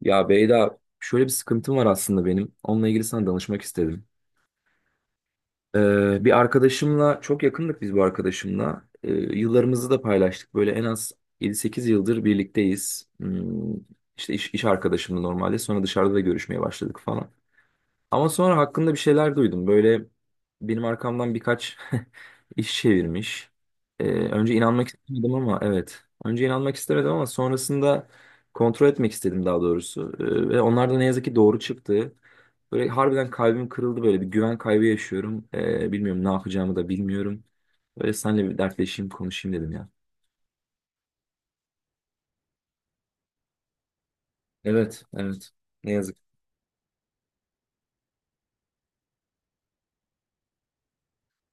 Ya Beyda şöyle bir sıkıntım var aslında benim. Onunla ilgili sana danışmak istedim. Bir arkadaşımla çok yakındık biz bu arkadaşımla. Yıllarımızı da paylaştık. Böyle en az yedi sekiz yıldır birlikteyiz. İşte iş arkadaşımdı normalde. Sonra dışarıda da görüşmeye başladık falan. Ama sonra hakkında bir şeyler duydum. Böyle benim arkamdan birkaç iş çevirmiş. Önce inanmak istemedim, ama evet. Önce inanmak istemedim ama sonrasında kontrol etmek istedim, daha doğrusu. Ve onlar da ne yazık ki doğru çıktı. Böyle harbiden kalbim kırıldı, böyle bir güven kaybı yaşıyorum. Bilmiyorum, ne yapacağımı da bilmiyorum. Böyle seninle bir dertleşeyim, konuşayım dedim ya. Evet, evet. Ne yazık.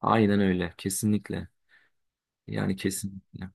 Aynen öyle. Kesinlikle. Yani kesinlikle.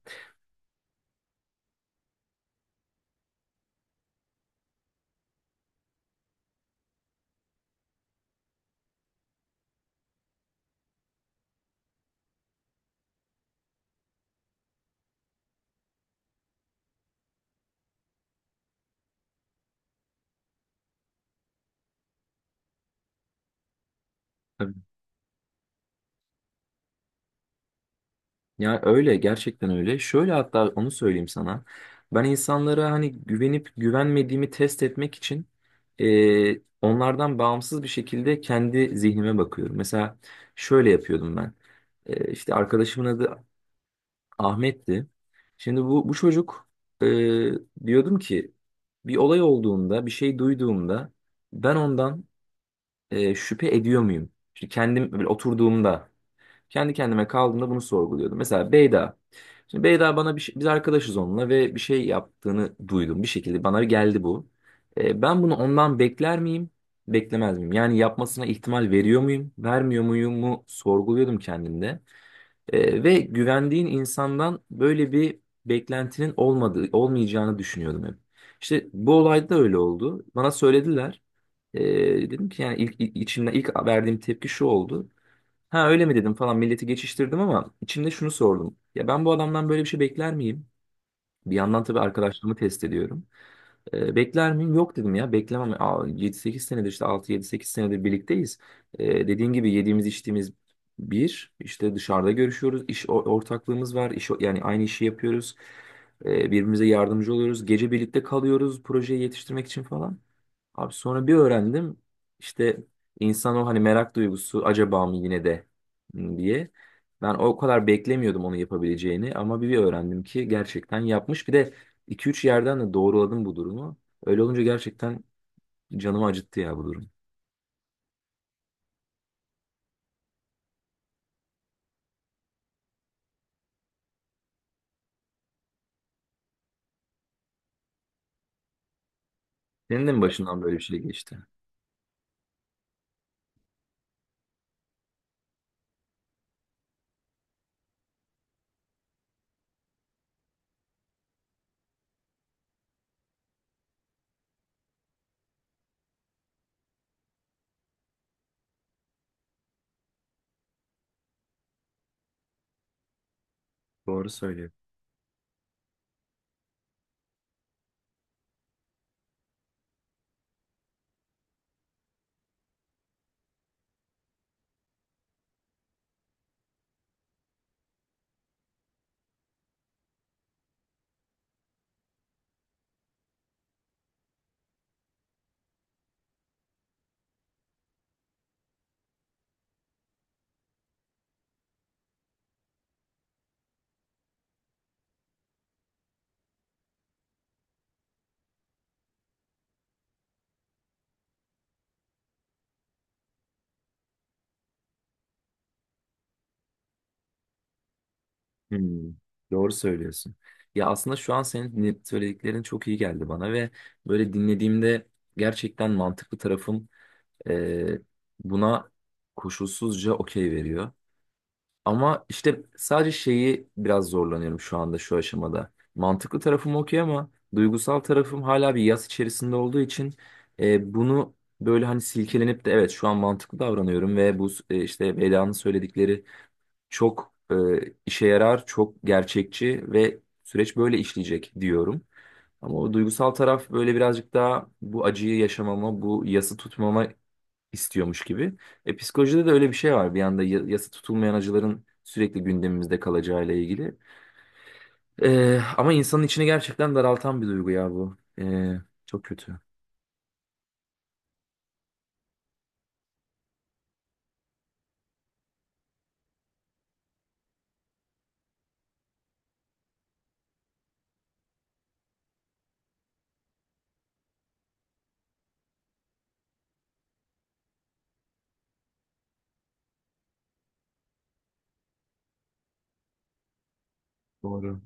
Ya öyle, gerçekten öyle. Şöyle, hatta onu söyleyeyim sana. Ben insanlara hani güvenip güvenmediğimi test etmek için onlardan bağımsız bir şekilde kendi zihnime bakıyorum. Mesela şöyle yapıyordum ben. İşte arkadaşımın adı Ahmet'ti. Şimdi bu çocuk, e, diyordum ki bir olay olduğunda, bir şey duyduğumda ben ondan şüphe ediyor muyum? İşte kendim böyle oturduğumda. Kendi kendime kaldığımda bunu sorguluyordum. Mesela Beyda. Şimdi Beyda bana biz arkadaşız onunla ve bir şey yaptığını duydum. Bir şekilde bana geldi bu. Ben bunu ondan bekler miyim? Beklemez miyim? Yani yapmasına ihtimal veriyor muyum? Vermiyor muyum mu? Sorguluyordum kendimde. Ve güvendiğin insandan böyle bir beklentinin olmadığı, olmayacağını düşünüyordum hep. İşte bu olayda da öyle oldu. Bana söylediler. E, Dedim ki yani, ilk içimden ilk verdiğim tepki şu oldu. Ha öyle mi dedim falan, milleti geçiştirdim, ama içimde şunu sordum. Ya ben bu adamdan böyle bir şey bekler miyim? Bir yandan tabii arkadaşlığımı test ediyorum. Bekler miyim? Yok dedim ya. Beklemem. Aa, 7-8 senedir, işte 6-7-8 senedir birlikteyiz. Dediğin gibi yediğimiz içtiğimiz bir, işte dışarıda görüşüyoruz. Ortaklığımız var. Yani aynı işi yapıyoruz. Birbirimize yardımcı oluyoruz. Gece birlikte kalıyoruz, projeyi yetiştirmek için falan. Abi sonra bir öğrendim. İşte insan, o hani merak duygusu, acaba mı yine de hmm diye. Ben o kadar beklemiyordum onu yapabileceğini, ama bir öğrendim ki gerçekten yapmış. Bir de 2 üç yerden de doğruladım bu durumu. Öyle olunca gerçekten canımı acıttı ya bu durum. Senin de mi başından böyle bir şey geçti? Doğru söylüyorsun. Hmm, doğru söylüyorsun. Ya aslında şu an söylediklerin çok iyi geldi bana ve böyle dinlediğimde gerçekten mantıklı tarafım e, buna koşulsuzca okey veriyor. Ama işte sadece şeyi biraz zorlanıyorum şu anda, şu aşamada. Mantıklı tarafım okey, ama duygusal tarafım hala bir yas içerisinde olduğu için bunu böyle hani silkelenip de evet şu an mantıklı davranıyorum ve bu işte Veda'nın söyledikleri çok işe yarar, çok gerçekçi ve süreç böyle işleyecek diyorum. Ama o duygusal taraf böyle birazcık daha bu acıyı yaşamama, bu yası tutmama istiyormuş gibi. Psikolojide de öyle bir şey var. Bir yanda yasa tutulmayan acıların sürekli gündemimizde kalacağıyla ilgili. Ama insanın içini gerçekten daraltan bir duygu ya bu. Çok kötü. Doğru.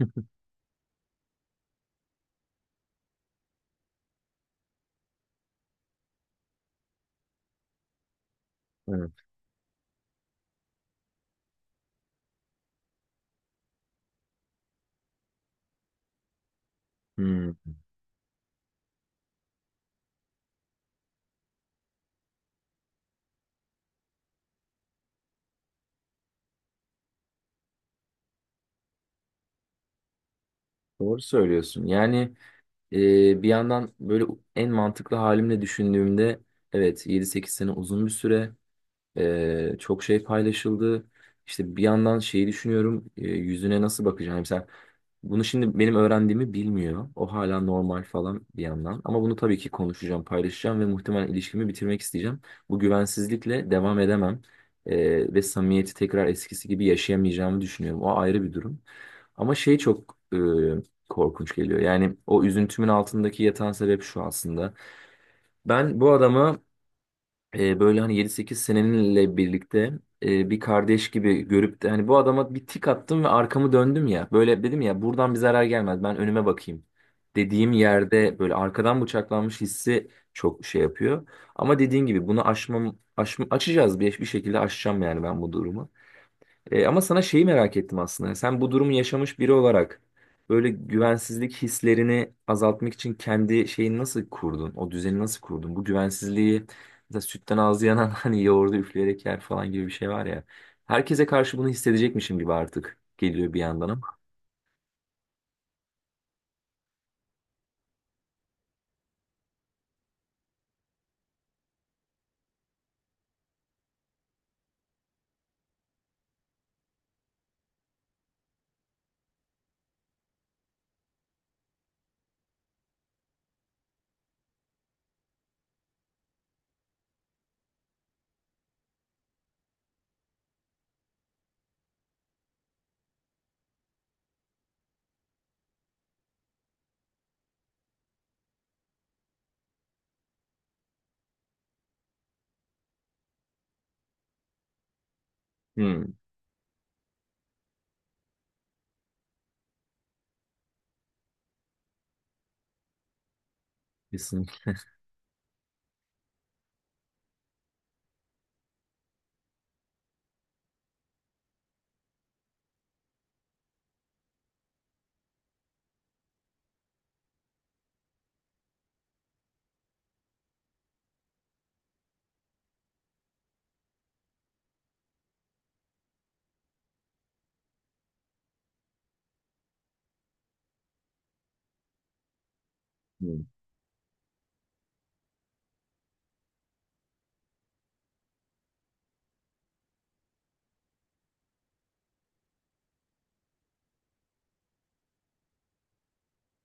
Evet. Hmm, Doğru söylüyorsun. Yani e, bir yandan böyle en mantıklı halimle düşündüğümde evet, yedi sekiz sene uzun bir süre. Çok şey paylaşıldı. İşte bir yandan şeyi düşünüyorum. Yüzüne nasıl bakacağım? Yani sen, bunu şimdi benim öğrendiğimi bilmiyor. O hala normal falan, bir yandan. Ama bunu tabii ki konuşacağım, paylaşacağım ve muhtemelen ilişkimi bitirmek isteyeceğim. Bu güvensizlikle devam edemem. Ve samimiyeti tekrar eskisi gibi yaşayamayacağımı düşünüyorum. O ayrı bir durum. Ama şey çok korkunç geliyor. Yani o üzüntümün altındaki yatan sebep şu aslında. Ben bu adama böyle hani yedi sekiz seneninle birlikte bir kardeş gibi görüp de, hani bu adama bir tik attım ve arkamı döndüm ya. Böyle dedim ya, buradan bir zarar gelmez, ben önüme bakayım dediğim yerde böyle arkadan bıçaklanmış hissi çok şey yapıyor. Ama dediğin gibi bunu aşmam, aşma, açacağız bir şekilde aşacağım yani ben bu durumu. Ama sana şeyi merak ettim aslında. Sen bu durumu yaşamış biri olarak böyle güvensizlik hislerini azaltmak için kendi şeyini nasıl kurdun? O düzeni nasıl kurdun? Bu güvensizliği mesela sütten ağzı yanan hani yoğurdu üfleyerek yer falan gibi bir şey var ya. Herkese karşı bunu hissedecekmişim gibi artık geliyor, bir yandan ama. Hmm, kesinlikle. Hmm.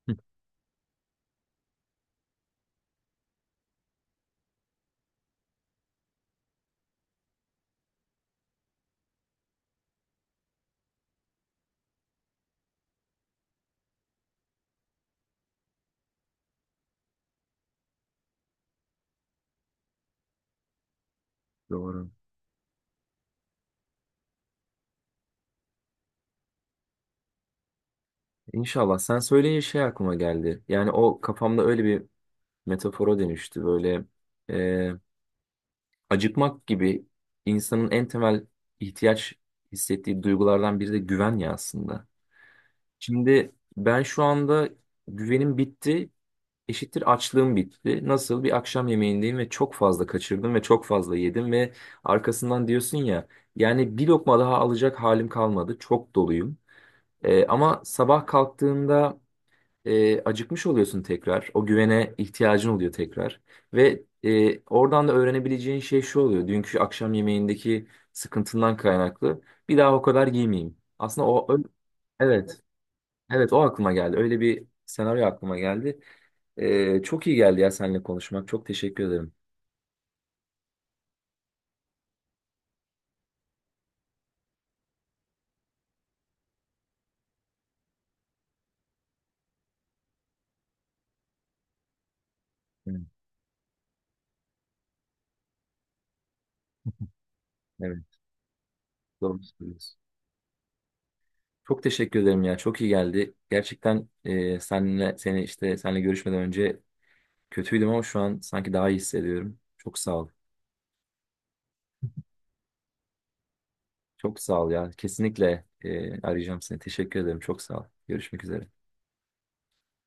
Doğru. İnşallah. Sen söyleyince şey aklıma geldi. Yani o kafamda öyle bir metafora dönüştü. Böyle acıkmak gibi, insanın en temel ihtiyaç hissettiği duygulardan biri de güven ya aslında. Şimdi ben şu anda güvenim bitti, eşittir açlığım bitti. Nasıl bir akşam yemeğindeyim ve çok fazla kaçırdım ve çok fazla yedim ve arkasından diyorsun ya, yani bir lokma daha alacak halim kalmadı. Çok doluyum. Ama sabah kalktığında acıkmış oluyorsun tekrar. O güvene ihtiyacın oluyor tekrar. Ve oradan da öğrenebileceğin şey şu oluyor. Dünkü akşam yemeğindeki sıkıntından kaynaklı. Bir daha o kadar giymeyeyim. Aslında evet. Evet, o aklıma geldi. Öyle bir senaryo aklıma geldi. Çok iyi geldi ya seninle konuşmak. Çok teşekkür ederim. Evet, evet, doğru söylüyorsun. Çok teşekkür ederim ya. Çok iyi geldi. Gerçekten seninle seni işte seninle görüşmeden önce kötüydüm ama şu an sanki daha iyi hissediyorum. Çok sağ ol. Çok sağ ol ya. Kesinlikle arayacağım seni. Teşekkür ederim. Çok sağ ol. Görüşmek üzere.